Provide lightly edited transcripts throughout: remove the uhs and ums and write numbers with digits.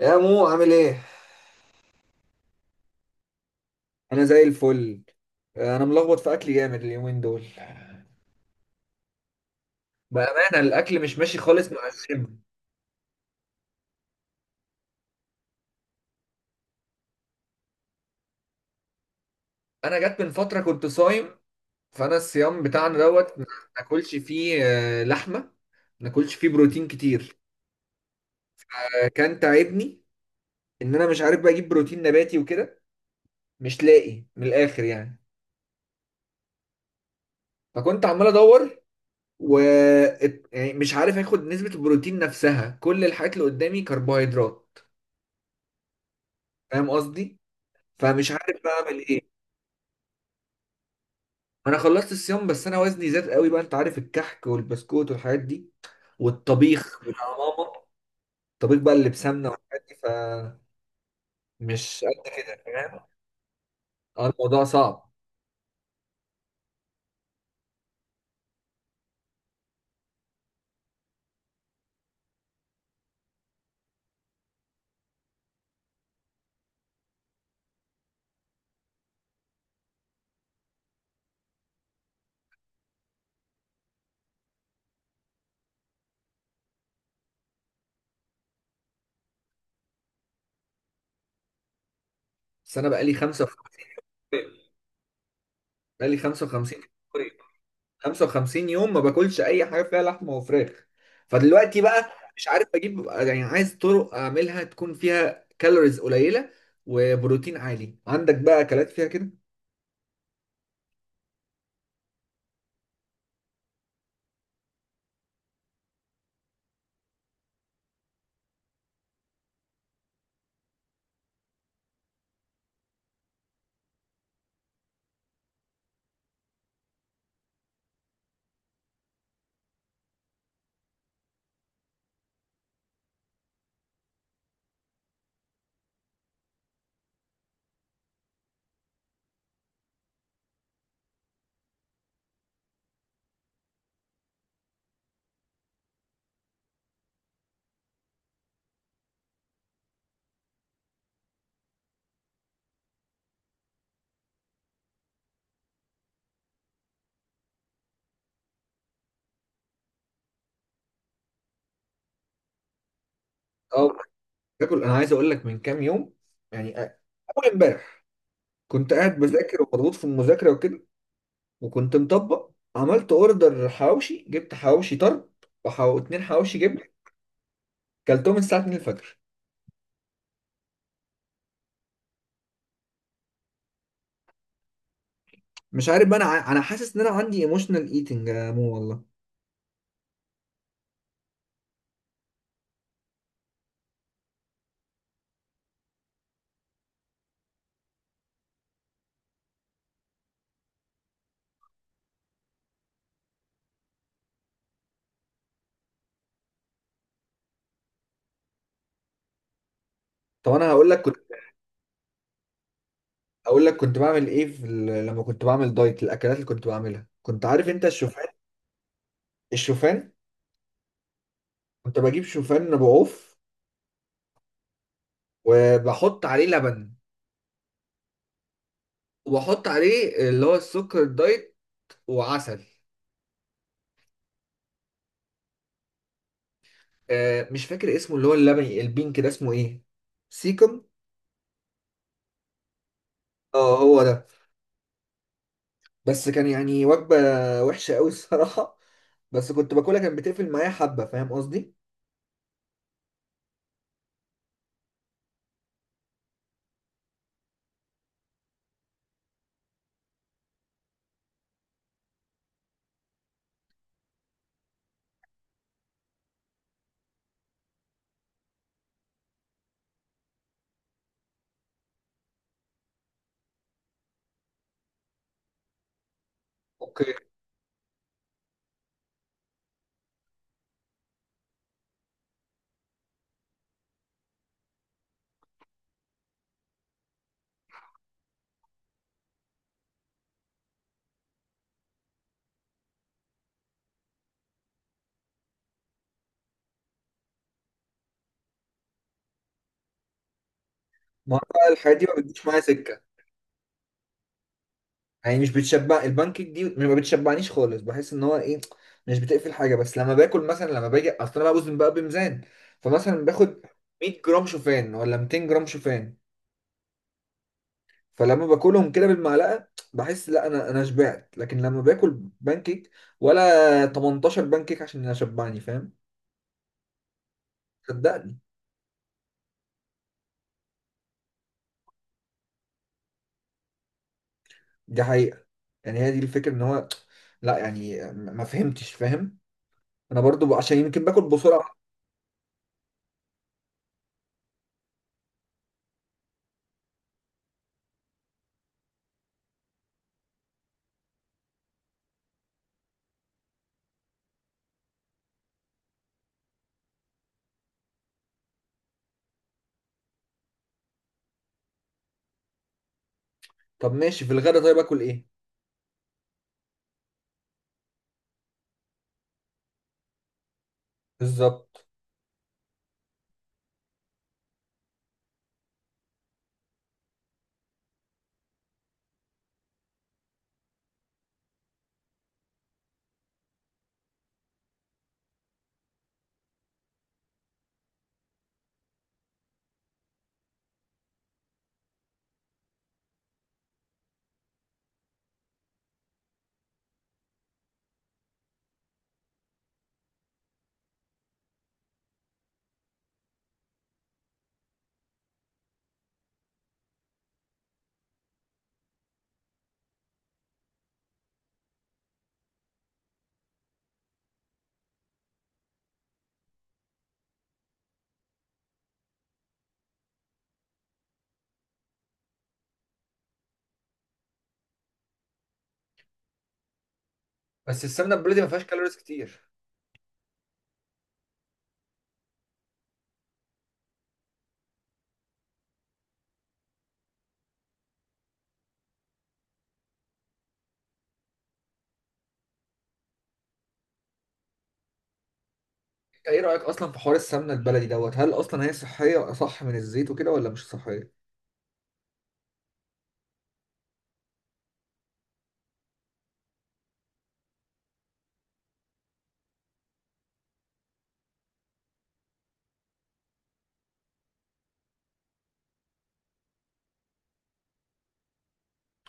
يا مو عامل ايه؟ انا زي الفل. انا ملخبط في اكلي جامد اليومين دول. بامانه الاكل مش ماشي خالص مع الجيم. انا جت من فتره كنت صايم، فانا الصيام بتاعنا دوت ما ناكلش فيه لحمه، ما ناكلش فيه بروتين كتير. كان تعبني ان انا مش عارف بقى اجيب بروتين نباتي وكده، مش لاقي من الاخر يعني. فكنت عمال ادور يعني مش عارف اخد نسبه البروتين نفسها، كل الحاجات اللي قدامي كربوهيدرات. فاهم قصدي؟ فمش عارف بقى اعمل ايه. انا خلصت الصيام، بس انا وزني زاد قوي بقى. انت عارف الكحك والبسكوت والحاجات دي والطبيخ بتاع ماما، الطبيخ بقى اللي بسمنه والحاجات دي، فمش قد كده فاهم. اه، الموضوع صعب. بس انا بقالي 55 يوم، خمسة وخمسين يوم ما باكلش اي حاجه فيها لحمه وفراخ. فدلوقتي بقى مش عارف اجيب يعني، عايز طرق اعملها تكون فيها كالوريز قليله وبروتين عالي. عندك بقى اكلات فيها كده؟ اه، باكل. انا عايز اقول لك من كام يوم، يعني اول امبارح كنت قاعد بذاكر ومضغوط في المذاكره وكده، وكنت مطبق. عملت اوردر حواوشي، جبت حواوشي طرب اتنين حواوشي جبنه، كلتهم الساعه 2 الفجر. مش عارف بقى انا حاسس ان انا عندي ايموشنال ايتنج يا مو والله. طب انا هقول لك كنت اقول لك كنت بعمل ايه لما كنت بعمل دايت، الاكلات اللي كنت بعملها، كنت عارف انت الشوفان؟ الشوفان كنت بجيب شوفان بعوف وبحط عليه لبن وبحط عليه اللي هو السكر الدايت وعسل. مش فاكر اسمه، اللي هو اللبني البينك ده اسمه ايه، سيكم. اه، هو ده. بس كان يعني وجبة وحشة قوي الصراحة، بس كنت باكلها كانت بتقفل معايا حبة، فاهم قصدي؟ اوكي. ما هو بقى الحاجات دي ما بتجيش معايا سكة. يعني مش بتشبع، البانكيك دي ما بتشبعنيش خالص، بحس ان هو ايه، مش بتقفل حاجة. بس لما باكل مثلا، لما باجي، اصل انا بقى بوزن بقى بميزان، فمثلا باخد 100 جرام شوفان ولا 200 جرام شوفان، فلما باكلهم كده بالمعلقه بحس لا، انا شبعت. لكن لما باكل بانكيك، ولا 18 بانكيك عشان اشبعني، فاهم؟ صدقني، دي حقيقه. يعني هي دي الفكره ان هو، لا يعني، ما فهمتش، فاهم؟ انا برضو عشان يمكن باكل بسرعه. طب ماشي، في الغدا طيب اكل ايه؟ بالظبط. بس السمنه البلدي ما فيهاش كالوريز كتير. ايه رايك اصلا في حوار السمنه البلدي دوت؟ هل اصلا هي صحيه صح من الزيت وكده، ولا مش صحيه؟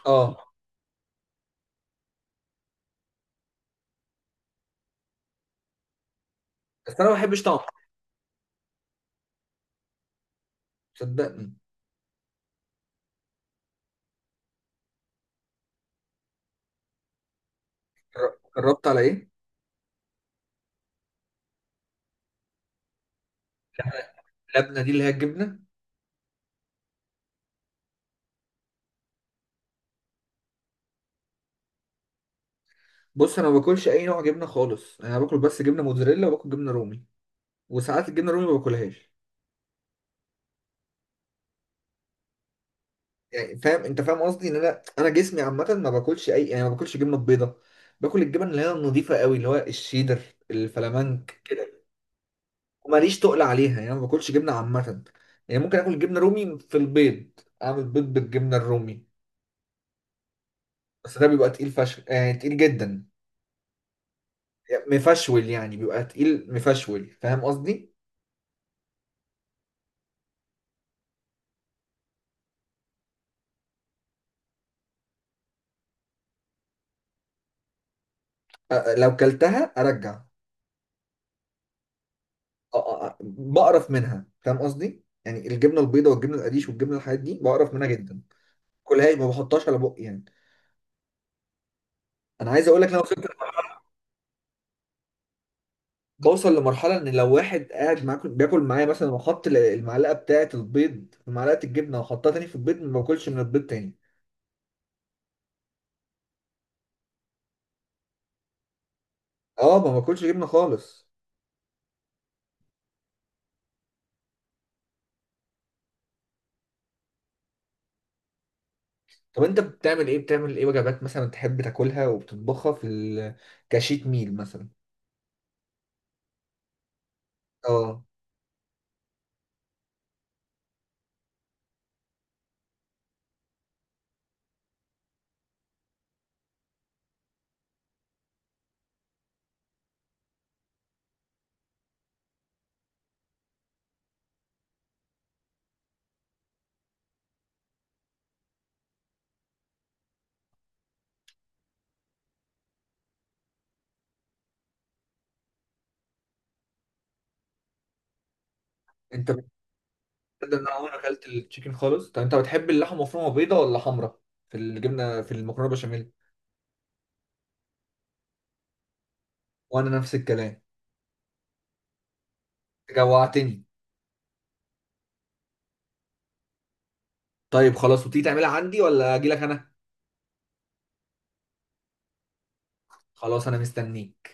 اه. بس انا ما بحبش طعمها، صدقني. جربت على ايه؟ اللبنه دي اللي هي الجبنه؟ بص، انا ما باكلش اي نوع جبنه خالص، يعني انا باكل بس جبنه موتزاريلا وباكل جبنه رومي، وساعات الجبنه الرومي ما باكلهاش. يعني فاهم، انت فاهم قصدي، ان انا جسمي عامه ما باكلش اي، يعني ما باكلش جبنه بيضه. باكل الجبن اللي هي النظيفه قوي، اللي هو الشيدر، الفلامنك. وماليش تقل عليها، يعني ما باكلش جبنه عامه. يعني ممكن اكل جبنه رومي في البيض، اعمل بيض بالجبنه الرومي، بس ده بيبقى تقيل فشخ، يعني تقيل جدا، يعني مفشول، يعني بيبقى تقيل مفشول، فاهم قصدي؟ لو كلتها ارجع. آه، بقرف منها، فاهم قصدي؟ يعني الجبنه البيضاء والجبنه القريش والجبنه، الحاجات دي بقرف منها جدا، كلهاش ما بحطهاش على بقي يعني. انا عايز اقول لك ان انا وصلت، بوصل لمرحله ان لو واحد قاعد معاكم بياكل معايا مثلا وحط المعلقه بتاعه البيض في معلقه الجبنه وحطها تاني في البيض، ما باكلش من البيض تاني. اه، ما باكلش جبنه خالص. طب انت بتعمل ايه وجبات مثلا تحب تاكلها وبتطبخها في كشيت ميل مثلا؟ اه، انت ده انا عمري ما اكلت التشيكن خالص. طب انت بتحب اللحمه مفرومه بيضه ولا حمرا، في الجبنه، في المكرونه بشاميل؟ وانا نفس الكلام. جوعتني. طيب خلاص، وتيجي تعملها عندي ولا اجي لك انا؟ خلاص، انا مستنيك.